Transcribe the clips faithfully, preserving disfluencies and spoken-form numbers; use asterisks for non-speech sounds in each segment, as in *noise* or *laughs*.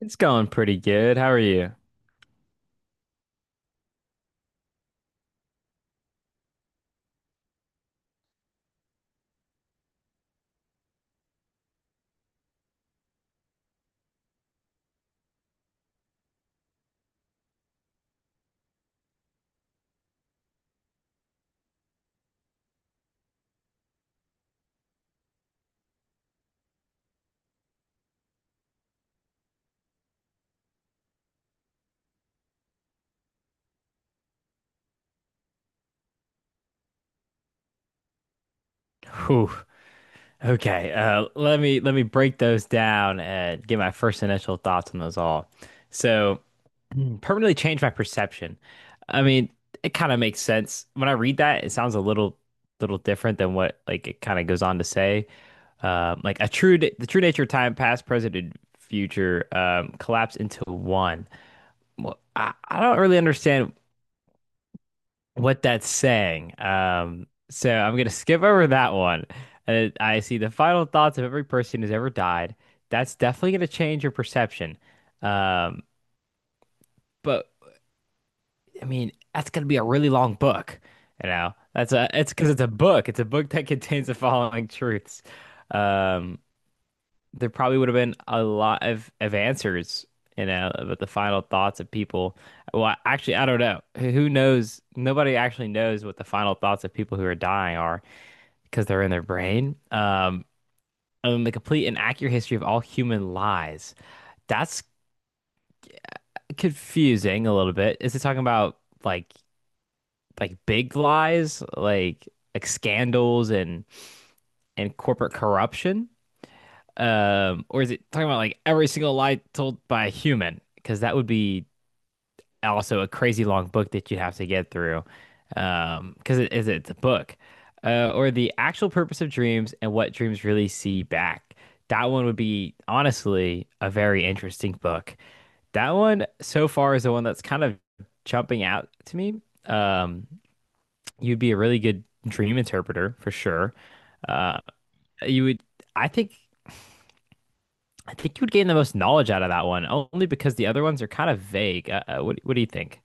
It's going pretty good. How are you? Whew. Okay. Uh, let me let me break those down and get my first initial thoughts on those all. So, *clears throat* permanently change my perception. I mean, it kind of makes sense when I read that. It sounds a little little different than what like it kind of goes on to say. Um, like a true the true nature of time, past, present, and future um, collapse into one. Well, I, I don't really understand what that's saying. Um, so I'm gonna skip over that one. And I see the final thoughts of every person who's ever died. That's definitely gonna change your perception. Um, but I mean, that's gonna be a really long book. You know, that's a it's because it's a book. It's a book that *laughs* contains the following truths. Um, there probably would have been a lot of of answers, you know, about the final thoughts of people. Well, actually, I don't know. Who who knows? Nobody actually knows what the final thoughts of people who are dying are, because they're in their brain. Um, and the complete and accurate history of all human lies. That's confusing a little bit. Is it talking about like like big lies, like like scandals and and corporate corruption? Um, or is it talking about like every single lie told by a human? Because that would be also a crazy long book that you have to get through um because it is it's a book. Uh or the actual purpose of dreams and what dreams really see back. That one would be honestly a very interesting book. That one so far is the one that's kind of jumping out to me. um You'd be a really good dream interpreter for sure. uh you would, I think I think you would gain the most knowledge out of that one only because the other ones are kind of vague. Uh, uh, what what do you think?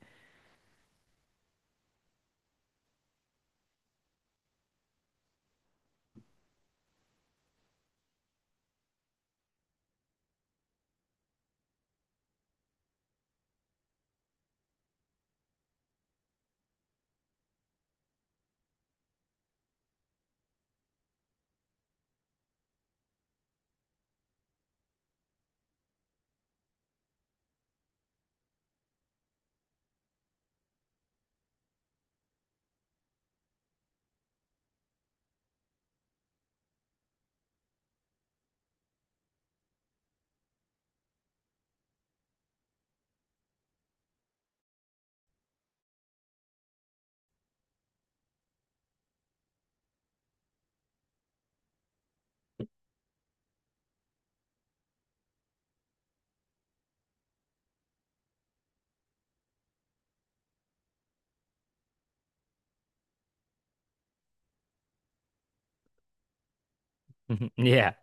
*laughs* Yeah.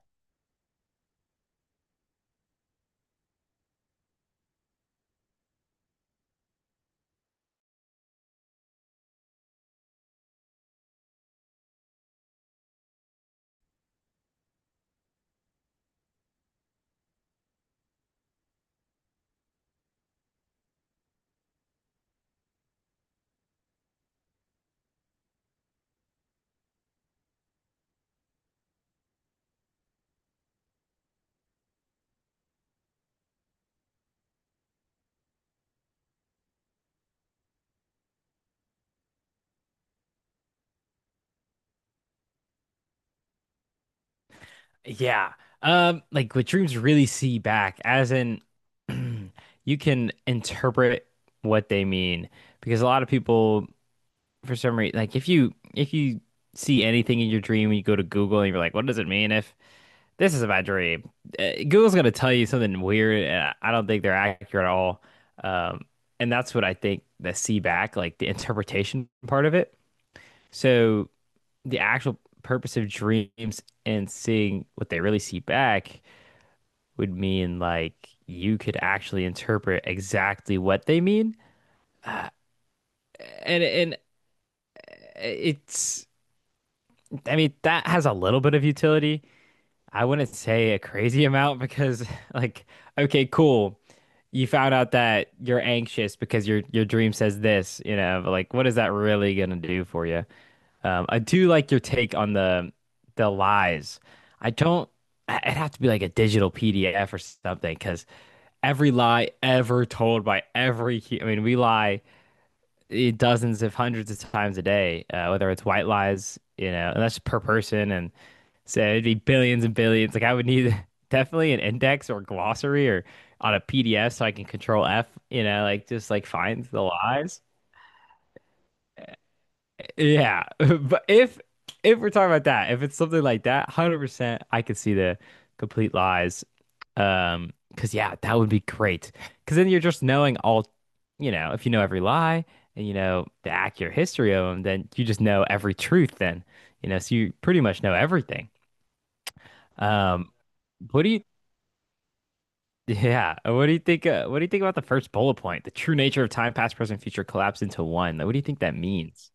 Yeah. Um, like what dreams really see back, as in *clears throat* you can interpret what they mean. Because a lot of people, for some reason, like if you if you see anything in your dream and you go to Google and you're like, what does it mean if this is my dream? Uh, Google's gonna tell you something weird, and I don't think they're accurate at all. Um, and that's what I think the see back, like the interpretation part of it. So the actual purpose of dreams and seeing what they really see back would mean like you could actually interpret exactly what they mean. And and it's, I mean, that has a little bit of utility. I wouldn't say a crazy amount because *laughs* like, okay, cool. You found out that you're anxious because your your dream says this, you know, but like what is that really gonna do for you? Um, I do like your take on the the lies. I don't. It would have to be like a digital P D F or something because every lie ever told by every, I mean, we lie, eh, dozens if hundreds of times a day, uh, whether it's white lies, you know, and that's per person, and so it'd be billions and billions. Like I would need *laughs* definitely an index or glossary or on a P D F so I can control F, you know, like just like find the lies. Yeah, *laughs* but if if we're talking about that, if it's something like that, one hundred percent I could see the complete lies. Um, because yeah, that would be great. Because then you're just knowing all, you know, if you know every lie and you know the accurate history of them, then you just know every truth then, you know, so you pretty much know everything. Um, what do you *laughs* yeah, what do you think uh, what do you think about the first bullet point? The true nature of time, past, present, future collapse into one. Like, what do you think that means?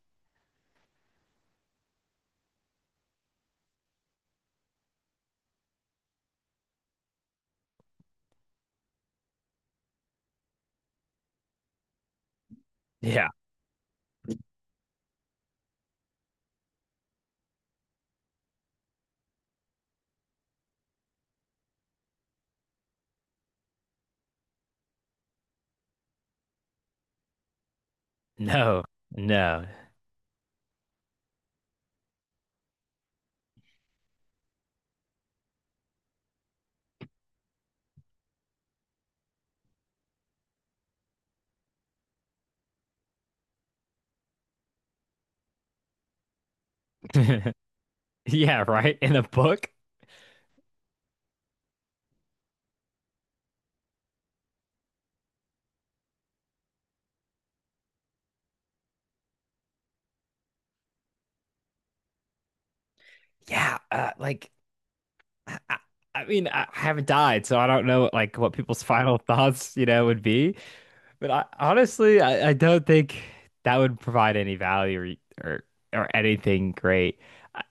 Yeah. No. No. *laughs* *laughs* Yeah, right. In a book. Yeah, uh, like, I, I I mean, I I haven't died, so I don't know like what people's *laughs* final thoughts, you know, would be. But I honestly, I, I don't think that would provide any value, or, or or anything great.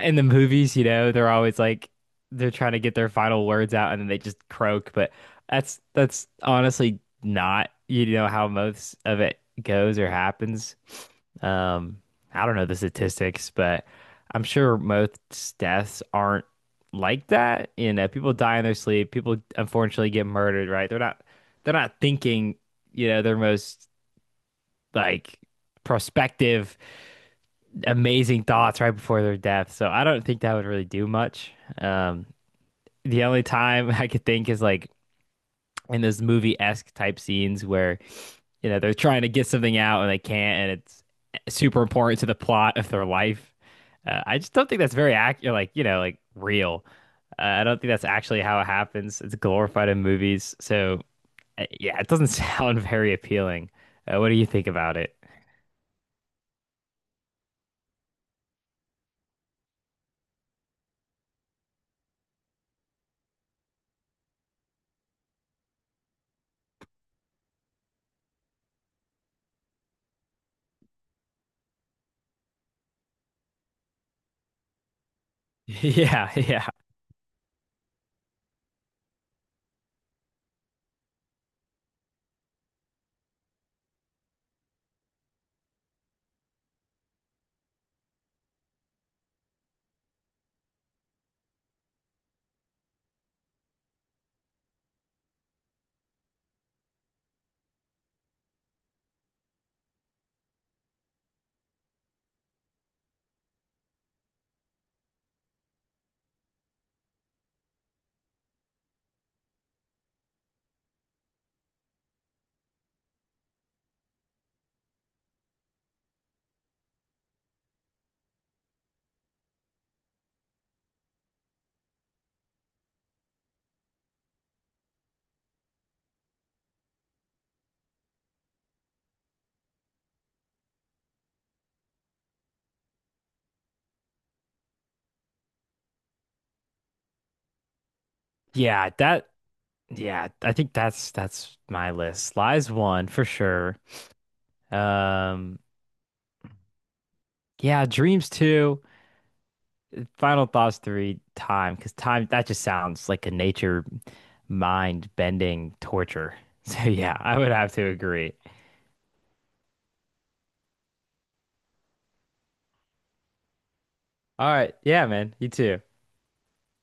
In the movies, you know, they're always like they're trying to get their final words out and then they just croak. But that's that's honestly not, you know, how most of it goes or happens. Um, I don't know the statistics, but I'm sure most deaths aren't like that. You know, people die in their sleep. People unfortunately get murdered, right? They're not they're not thinking, you know, their most like prospective amazing thoughts right before their death. So I don't think that would really do much. Um, the only time *laughs* I could think is like in those movie-esque type scenes where, you know, they're trying to get something out and they can't, and it's super important to the plot of their life. Uh, I just don't think that's very accurate, like, you know, like real. Uh, I don't think that's actually how it happens. It's glorified in movies. So, uh, yeah, it doesn't *laughs* sound very appealing. Uh, what do you think about it? *laughs* Yeah, yeah. Yeah, that, yeah, I think that's that's my list. Lies one for sure. Um, yeah, Dreams two, Final Thoughts three, Time, because time that just sounds like a nature mind bending torture. *laughs* So yeah, I would have to agree. All right, yeah, man, you too.